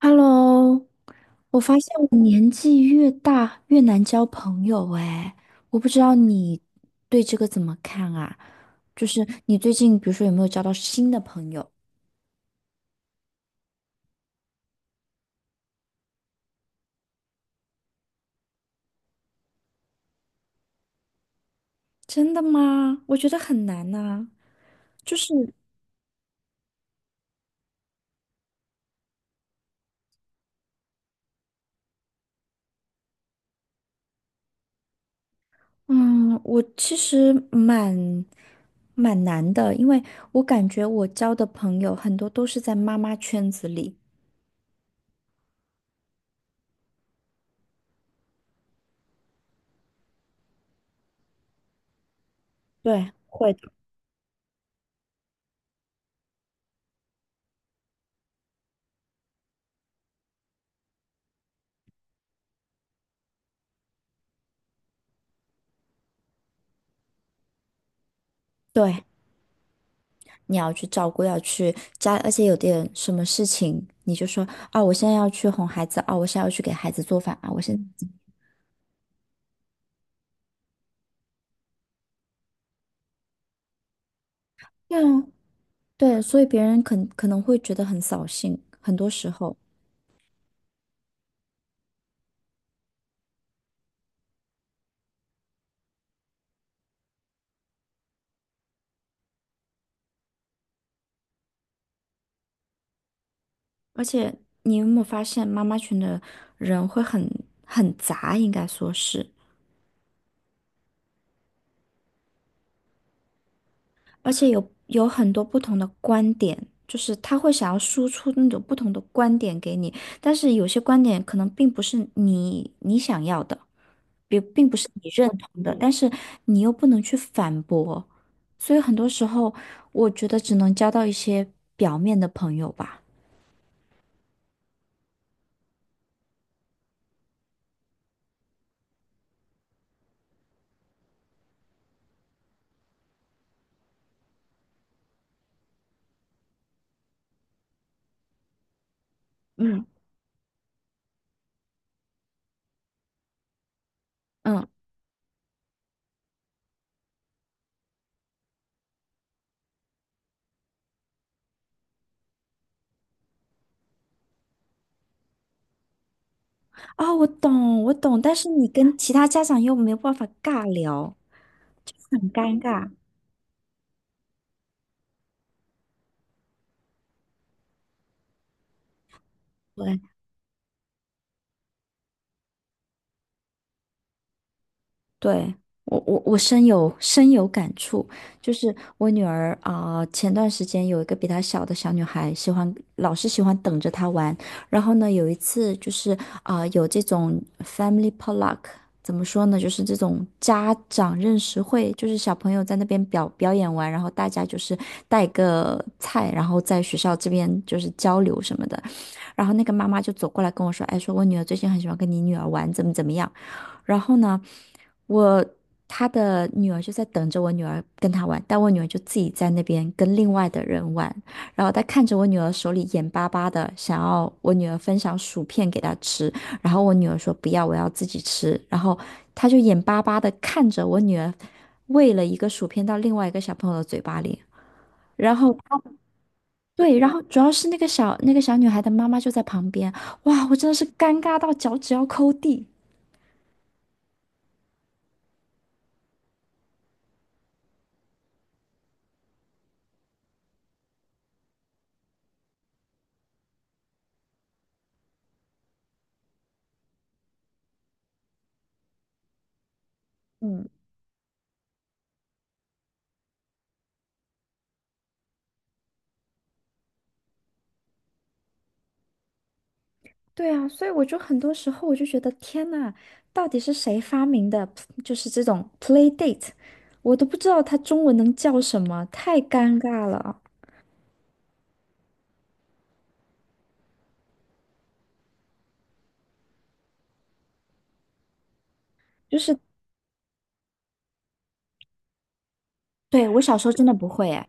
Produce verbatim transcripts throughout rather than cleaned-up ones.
Hello，我发现我年纪越大越难交朋友哎，我不知道你对这个怎么看啊？就是你最近比如说有没有交到新的朋友？真的吗？我觉得很难呐，就是嗯，我其实蛮蛮难的，因为我感觉我交的朋友很多都是在妈妈圈子里。对，会的。对。你要去照顾，要去家，而且有点什么事情，你就说啊，我现在要去哄孩子啊，我现在要去给孩子做饭啊，我现在对啊，对，所以别人可可能会觉得很扫兴，很多时候，而且你有没有发现，妈妈群的人会很很杂，应该说是，而且有有很多不同的观点，就是他会想要输出那种不同的观点给你，但是有些观点可能并不是你你想要的。并并不是你认同的，但是你又不能去反驳，所以很多时候我觉得只能交到一些表面的朋友吧。嗯，嗯，啊，我懂，我懂，但是你跟其他家长又没有办法尬聊。对。对，我我我深有深有感触，就是我女儿啊，呃前段时间有一个比她小的小女孩，喜欢老是喜欢等着她玩，然后呢，有一次就是啊，呃有这种 family potluck，怎么说呢，就是这种家长认识会，就是小朋友在那边表表演完，然后大家就是带个菜，然后在学校这边就是交流什么的，然后那个妈妈就走过来跟我说，哎，说我女儿最近很喜欢跟你女儿玩，怎么怎么样。然后呢，我他的女儿就在等着我女儿跟他玩，但我女儿就自己在那边跟另外的人玩，然后他看着我女儿手里眼巴巴的想要我女儿分享薯片给她吃，然后我女儿说不要，我要自己吃，然后他就眼巴巴的看着我女儿喂了一个薯片到另外一个小朋友的嘴巴里。然后她。对，然后主要是那个小那个小女孩的妈妈就在旁边，哇，我真的是尴尬到脚趾要抠地。嗯。对啊，所以我就很多时候我就觉得天呐，到底是谁发明的？就是这种 play date，我都不知道它中文能叫什么，太尴尬了。就是，对，我小时候真的不会哎。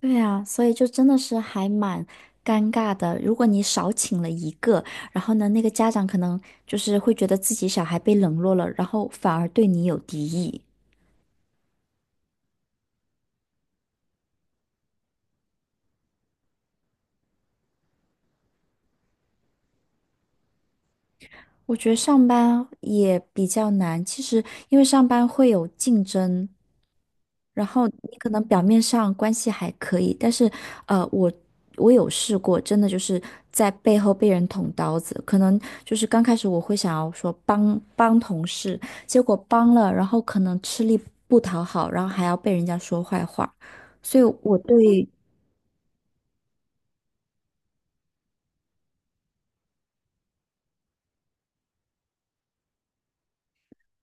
对啊，所以就真的是还蛮尴尬的。如果你少请了一个，然后呢，那个家长可能就是会觉得自己小孩被冷落了，然后反而对你有敌意。我觉得上班也比较难，其实因为上班会有竞争。然后你可能表面上关系还可以，但是，呃，我我有试过，真的就是在背后被人捅刀子。可能就是刚开始我会想要说帮帮同事，结果帮了，然后可能吃力不讨好，然后还要被人家说坏话。所以我对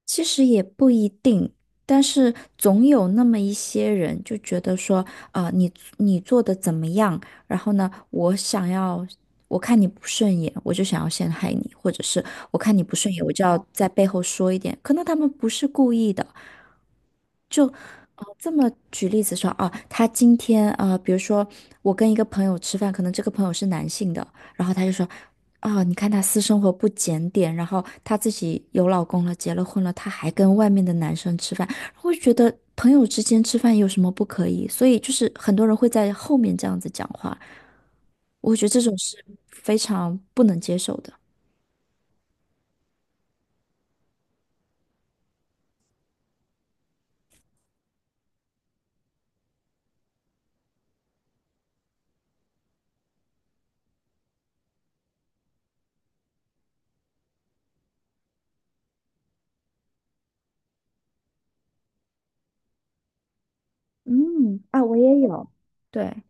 其实也不一定，但是总有那么一些人就觉得说，啊，你你做的怎么样？然后呢，我想要，我看你不顺眼，我就想要陷害你，或者是我看你不顺眼，我就要在背后说一点。可能他们不是故意的，就呃这么举例子说啊，他今天啊，比如说我跟一个朋友吃饭，可能这个朋友是男性的，然后他就说，啊，你看他私生活不检点，然后他自己有老公了，结了婚了，他还跟外面的男生吃饭，我就觉得朋友之间吃饭有什么不可以？所以就是很多人会在后面这样子讲话，我觉得这种是非常不能接受的。嗯，啊，我也有，对。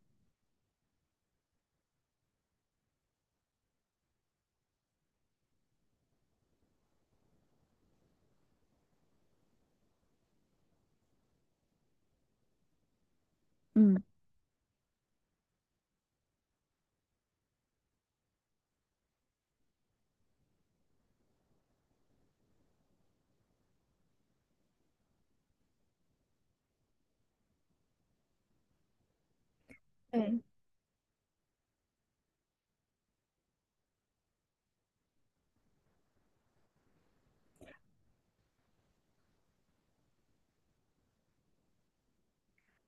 嗯对，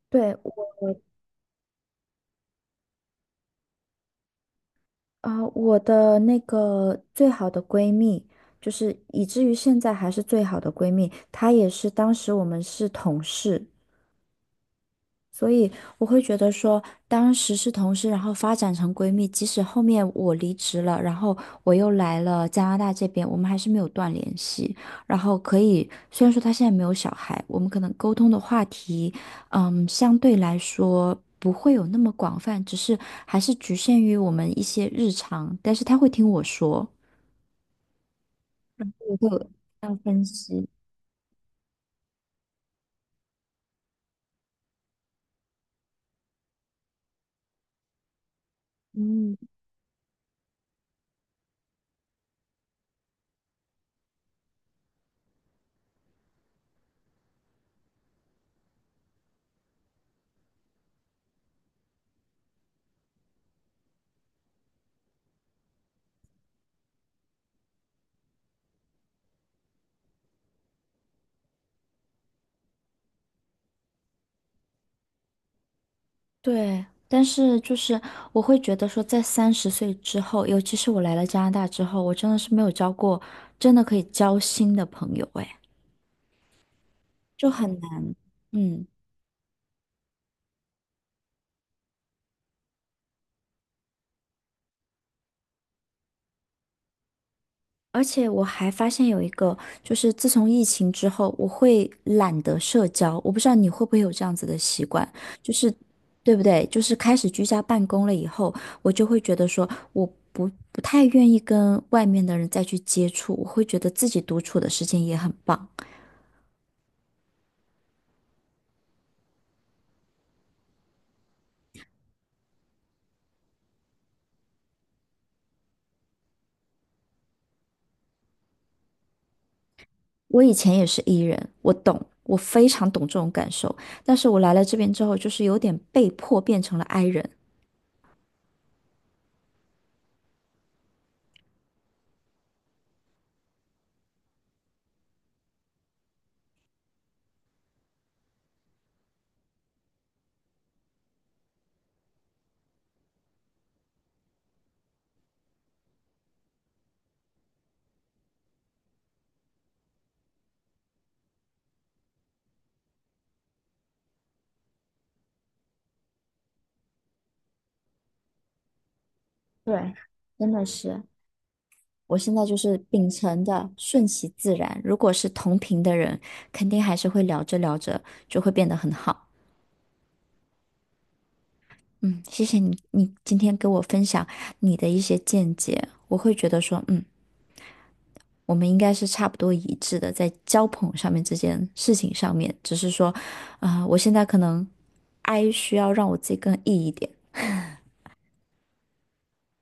对，我我啊，我的那个最好的闺蜜，就是以至于现在还是最好的闺蜜，她也是当时我们是同事，所以我会觉得说，当时是同事，然后发展成闺蜜，即使后面我离职了，然后我又来了加拿大这边，我们还是没有断联系。然后可以，虽然说她现在没有小孩，我们可能沟通的话题，嗯，相对来说不会有那么广泛，只是还是局限于我们一些日常。但是她会听我说，我会有这样分析，嗯。对，但是就是我会觉得说，在三十岁之后，尤其是我来了加拿大之后，我真的是没有交过真的可以交心的朋友，哎，就很难。嗯，而且我还发现有一个，就是自从疫情之后，我会懒得社交。我不知道你会不会有这样子的习惯，就是对不对？就是开始居家办公了以后，我就会觉得说，我不不太愿意跟外面的人再去接触，我会觉得自己独处的时间也很棒。我以前也是 E 人，我懂，我非常懂这种感受。但是我来了这边之后，就是有点被迫变成了 I 人。对，真的是，我现在就是秉承的顺其自然。如果是同频的人，肯定还是会聊着聊着就会变得很好。嗯，谢谢你，你今天给我分享你的一些见解，我会觉得说，嗯。我们应该是差不多一致的，在交朋上面这件事情上面，只是说，啊，呃我现在可能 I 需要让我自己更 E 一点。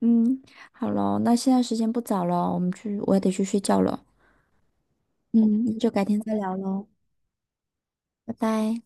嗯，好喽，那现在时间不早了，我们去，我也得去睡觉了。嗯，那就改天再聊喽，拜拜。